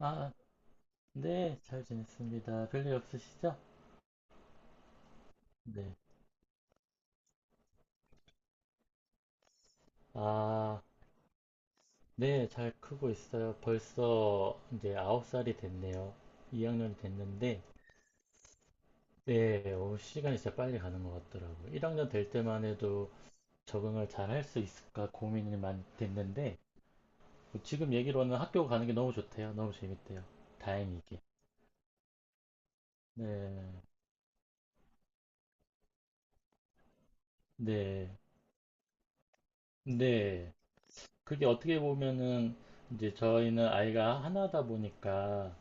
아, 네, 잘 지냈습니다. 별일 없으시죠? 네. 아, 네, 잘 크고 있어요. 벌써 이제 9살이 됐네요. 2학년이 됐는데, 네, 어, 시간이 진짜 빨리 가는 것 같더라고요. 1학년 될 때만 해도 적응을 잘 할 수 있을까 고민이 많이 됐는데, 뭐 지금 얘기로는 학교 가는 게 너무 좋대요. 너무 재밌대요. 다행이게. 네, 네, 네. 그게 어떻게 보면은, 이제 저희는 아이가 하나다 보니까,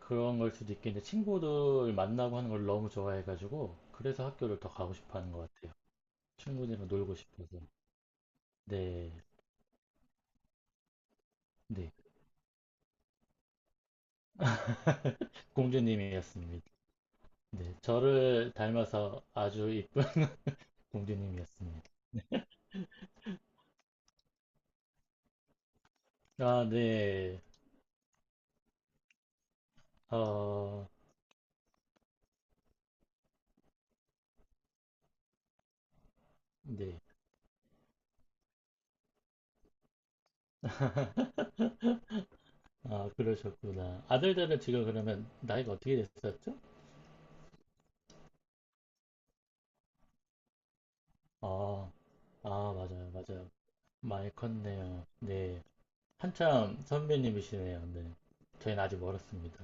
그런 걸 수도 있겠는데 친구들 만나고 하는 걸 너무 좋아해가지고 그래서 학교를 더 가고 싶어 하는 것 같아요. 친구들이랑 놀고 싶어서. 네, 네. 공주님이었습니다. 네, 저를 닮아서 아주 이쁜 공주님이었습니다. 아, 네. 어, 네. 아, 그러셨구나. 아들들은 지금 그러면 나이가 어떻게 됐었죠? 아, 아, 맞아요, 맞아요. 많이 컸네요. 네. 한참 선배님이시네요. 네. 저희는 아직 멀었습니다.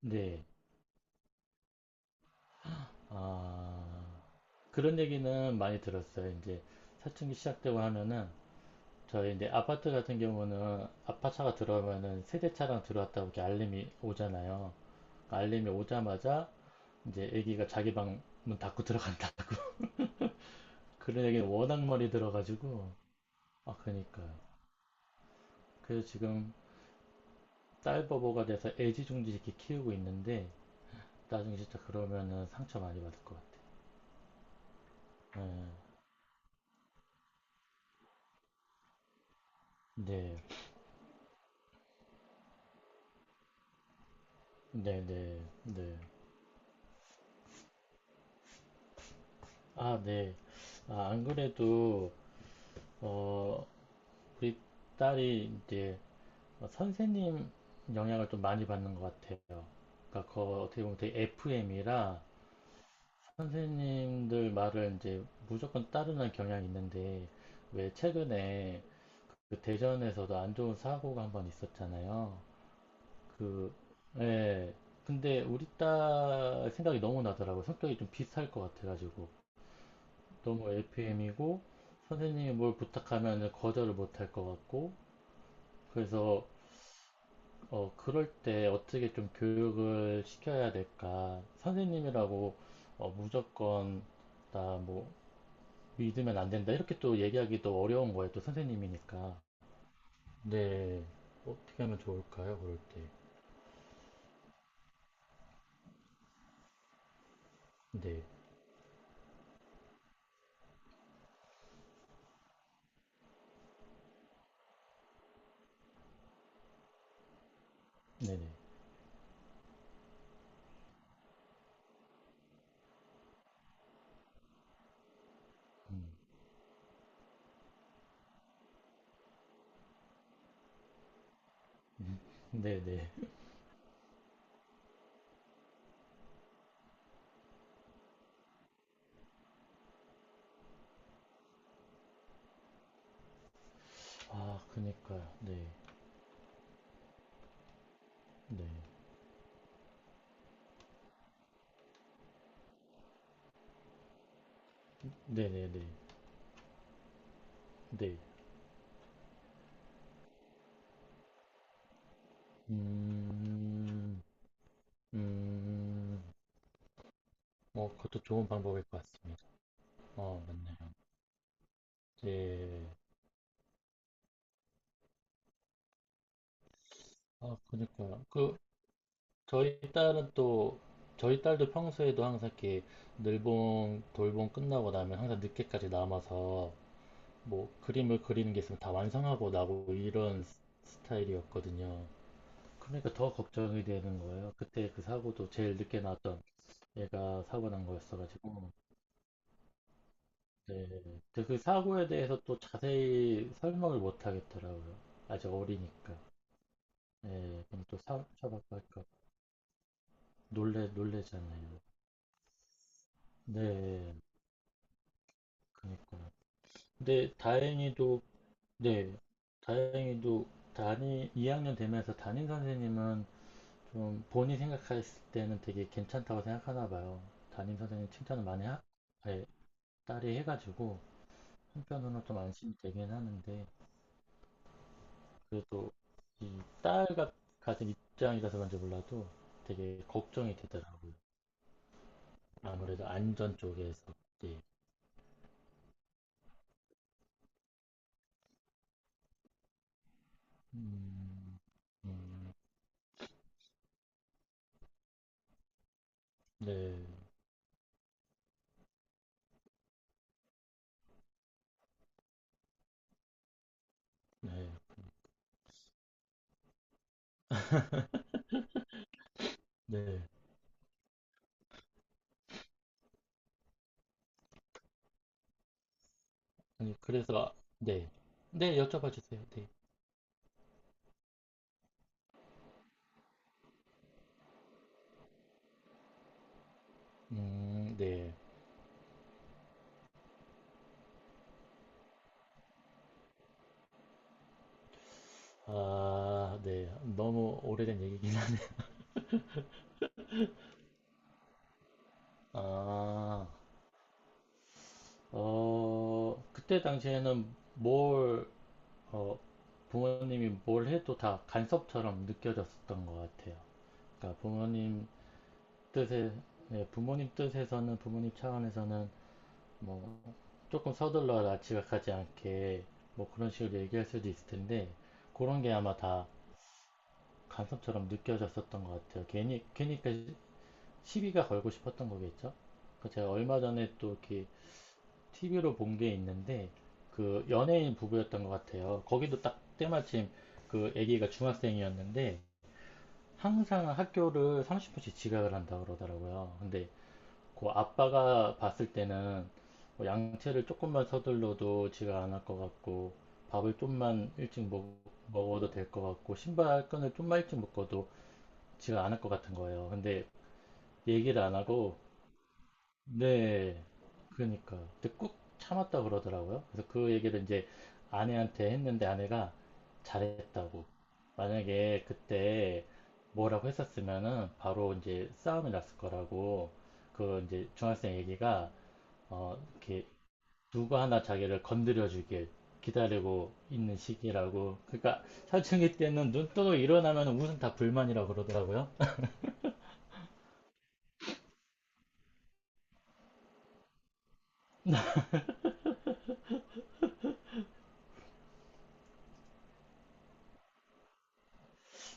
네. 아, 그런 얘기는 많이 들었어요. 이제 사춘기 시작되고 하면은 저희 이제 아파트 같은 경우는 아파트차가 들어오면은 세대차랑 들어왔다고 이렇게 알림이 오잖아요. 그 알림이 오자마자 이제 애기가 자기 방 문 닫고 들어간다. 그런 얘기는 워낙 많이 들어가지고 아 그러니까요. 그래서 지금 딸 바보가 돼서 애지중지 이렇게 키우고 있는데 나중에 진짜 그러면은 상처 많이 받을 것 같아요. 네, 네, 네, 네, 네. 아, 네. 아, 안 그래도, 어, 우리 딸이 이제 선생님 영향을 좀 많이 받는 것 같아요. 그러니까 거 어떻게 보면 되게 FM이라 선생님들 말을 이제 무조건 따르는 경향이 있는데, 왜 최근에 그 대전에서도 안 좋은 사고가 한번 있었잖아요. 그, 예. 근데 우리 딸 생각이 너무 나더라고요. 성격이 좀 비슷할 것 같아가지고. 너무 LPM이고 선생님이 뭘 부탁하면 거절을 못 할 것 같고 그래서 어, 그럴 때 어떻게 좀 교육을 시켜야 될까? 선생님이라고 어, 무조건 나 뭐 믿으면 안 된다 이렇게 또 얘기하기도 어려운 거예요. 또 선생님이니까. 네. 어떻게 하면 좋을까요? 그럴 때. 네. 네네. 음. 네네. 아, 그니까요. 네. 네. 네네네. 네. 음. 음. 어, 그것도 좋은 방법일 것 같습니다. 어, 맞네요. 예. 아, 그니까요. 그, 저희 딸은 또, 저희 딸도 평소에도 항상 이렇게 늘봉, 돌봉 끝나고 나면 항상 늦게까지 남아서 뭐 그림을 그리는 게 있으면 다 완성하고 나고 이런 스타일이었거든요. 그러니까 더 걱정이 되는 거예요. 그때 그 사고도 제일 늦게 났던 애가 사고 난 거였어가지고. 네. 근데 그 사고에 대해서 또 자세히 설명을 못 하겠더라고요. 아직 어리니까. 네, 그럼 또 사업자밖에 할까 놀래 놀래잖아요. 네, 그니까요. 근데 다행히도 네, 다행히도 담임 2학년 되면서 담임 선생님은 좀 본인 생각했을 때는 되게 괜찮다고 생각하나 봐요. 담임 선생님 칭찬을 많이 예, 딸이 해가지고 한편으로는 좀 안심이 되긴 하는데 그래도 이 딸과 같은 입장이라서 그런지 몰라도 되게 걱정이 되더라고요. 아무래도 안전 쪽에서. 예. 음, 음, 네, 네, 네. 아니, 그래서, 아, 네. 네, 여쭤봐 주세요. 네. 네. 아, 네. 너무 오래된 얘기긴 한. 아, 어, 그때 당시에는 뭘, 어, 부모님이 뭘 해도 다 간섭처럼 느껴졌었던 것 같아요. 그러니까 부모님 뜻에, 네, 부모님 뜻에서는, 부모님 차원에서는 뭐 조금 서둘러 지각하지 않게 뭐 그런 식으로 얘기할 수도 있을 텐데 그런 게 아마 다 간섭처럼 느껴졌었던 것 같아요. 괜히 괜히 그 시비가 걸고 싶었던 거겠죠? 그 제가 얼마 전에 또 이렇게 TV로 본 게 있는데 그 연예인 부부였던 것 같아요. 거기도 딱 때마침 그 아기가 중학생이었는데 항상 학교를 30분씩 지각을 한다 그러더라고요. 근데 그 아빠가 봤을 때는 뭐 양채를 조금만 서둘러도 지가 안 할 것 같고 밥을 좀만 일찍 먹어도 될 것 같고 신발끈을 좀만 일찍 묶어도 지가 안 할 것 같은 거예요. 근데 얘기를 안 하고 네 그러니까 근데 꾹 참았다 그러더라고요. 그래서 그 얘기를 이제 아내한테 했는데 아내가 잘했다고 만약에 그때 뭐라고 했었으면은 바로 이제 싸움이 났을 거라고 그 이제 중학생 얘기가 어, 이렇게 누가 하나 자기를 건드려주길 기다리고 있는 시기라고. 그러니까 사춘기 때는 눈 뜨고 일어나면 우선 다 불만이라고 그러더라고요.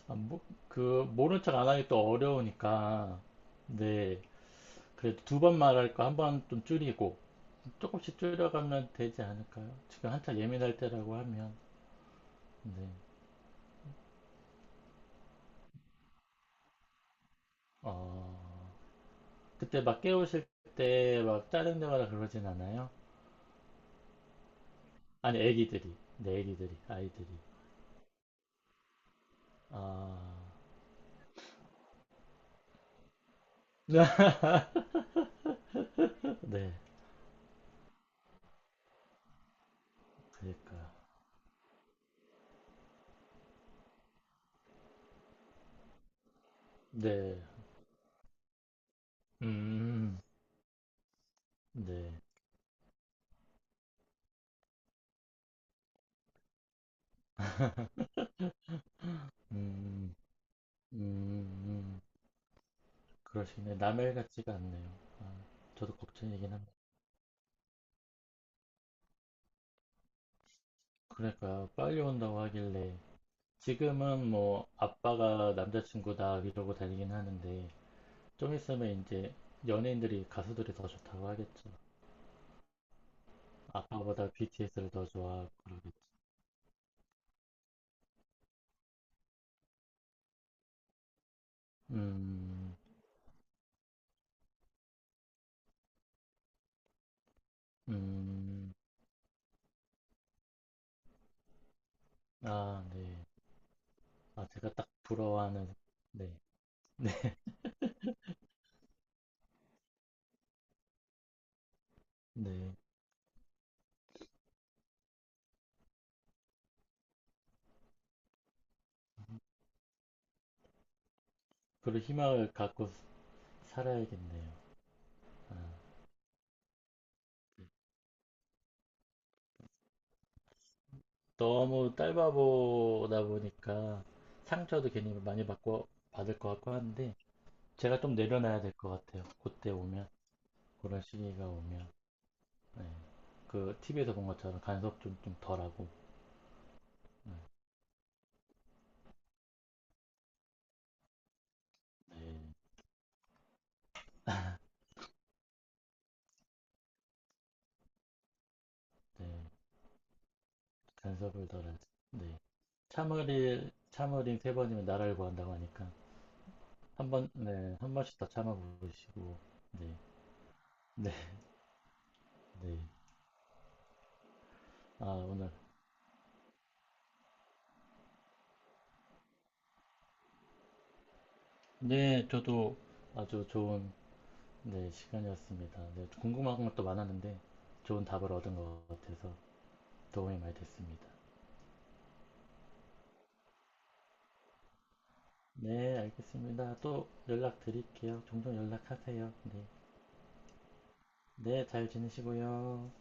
아, 뭐, 그 모른 척 안 하기 또 어려우니까. 네. 그래도 두 번 말할 거 한 번 좀 줄이고 조금씩 줄여가면 되지 않을까요? 지금 한창 예민할 때라고 하면. 네. 어, 그때 막 깨우실 때 막 짜증내거나 그러진 않아요? 아니, 애기들이. 네, 애기들이. 아이들이. 아, 네, 그러니까. 네, 음, 네, 음, 음, 음, 그러시네. 남의 일 같지가 않네요. 아, 저도 걱정이긴 합니다. 그러니까 빨리 온다고 하길래 지금은 뭐 아빠가 남자친구다 이러고 다니긴 하는데 좀 있으면 이제 연예인들이 가수들이 더 좋다고 하겠죠. 아빠보다 BTS를 더 좋아하고 그러겠죠. 음, 음, 아, 네. 아, 제가 딱 부러워하는, 네, 네. 그런 희망을 갖고 살아야겠네요. 아, 너무 딸바보다 보니까 상처도 괜히 많이 받고 받을 것 같고 하는데 제가 좀 내려놔야 될 것 같아요. 그때 오면 그런 시기가 오면 네. 그 TV에서 본 것처럼 간섭 좀 덜하고 네. 네, 네. 간섭을 덜하지. 네. 참을일 참으인세 번이면 나라를 구한다고 하니까 한 번, 네, 한 번씩 더 참아보시고 네, 네, 네. 아 오늘 네, 저도 아주 좋은 네, 시간이었습니다. 네, 궁금한 것도 많았는데 좋은 답을 얻은 것 같아서 도움이 많이 됐습니다. 네, 알겠습니다. 또 연락드릴게요. 종종 연락하세요. 네, 네, 잘 지내시고요.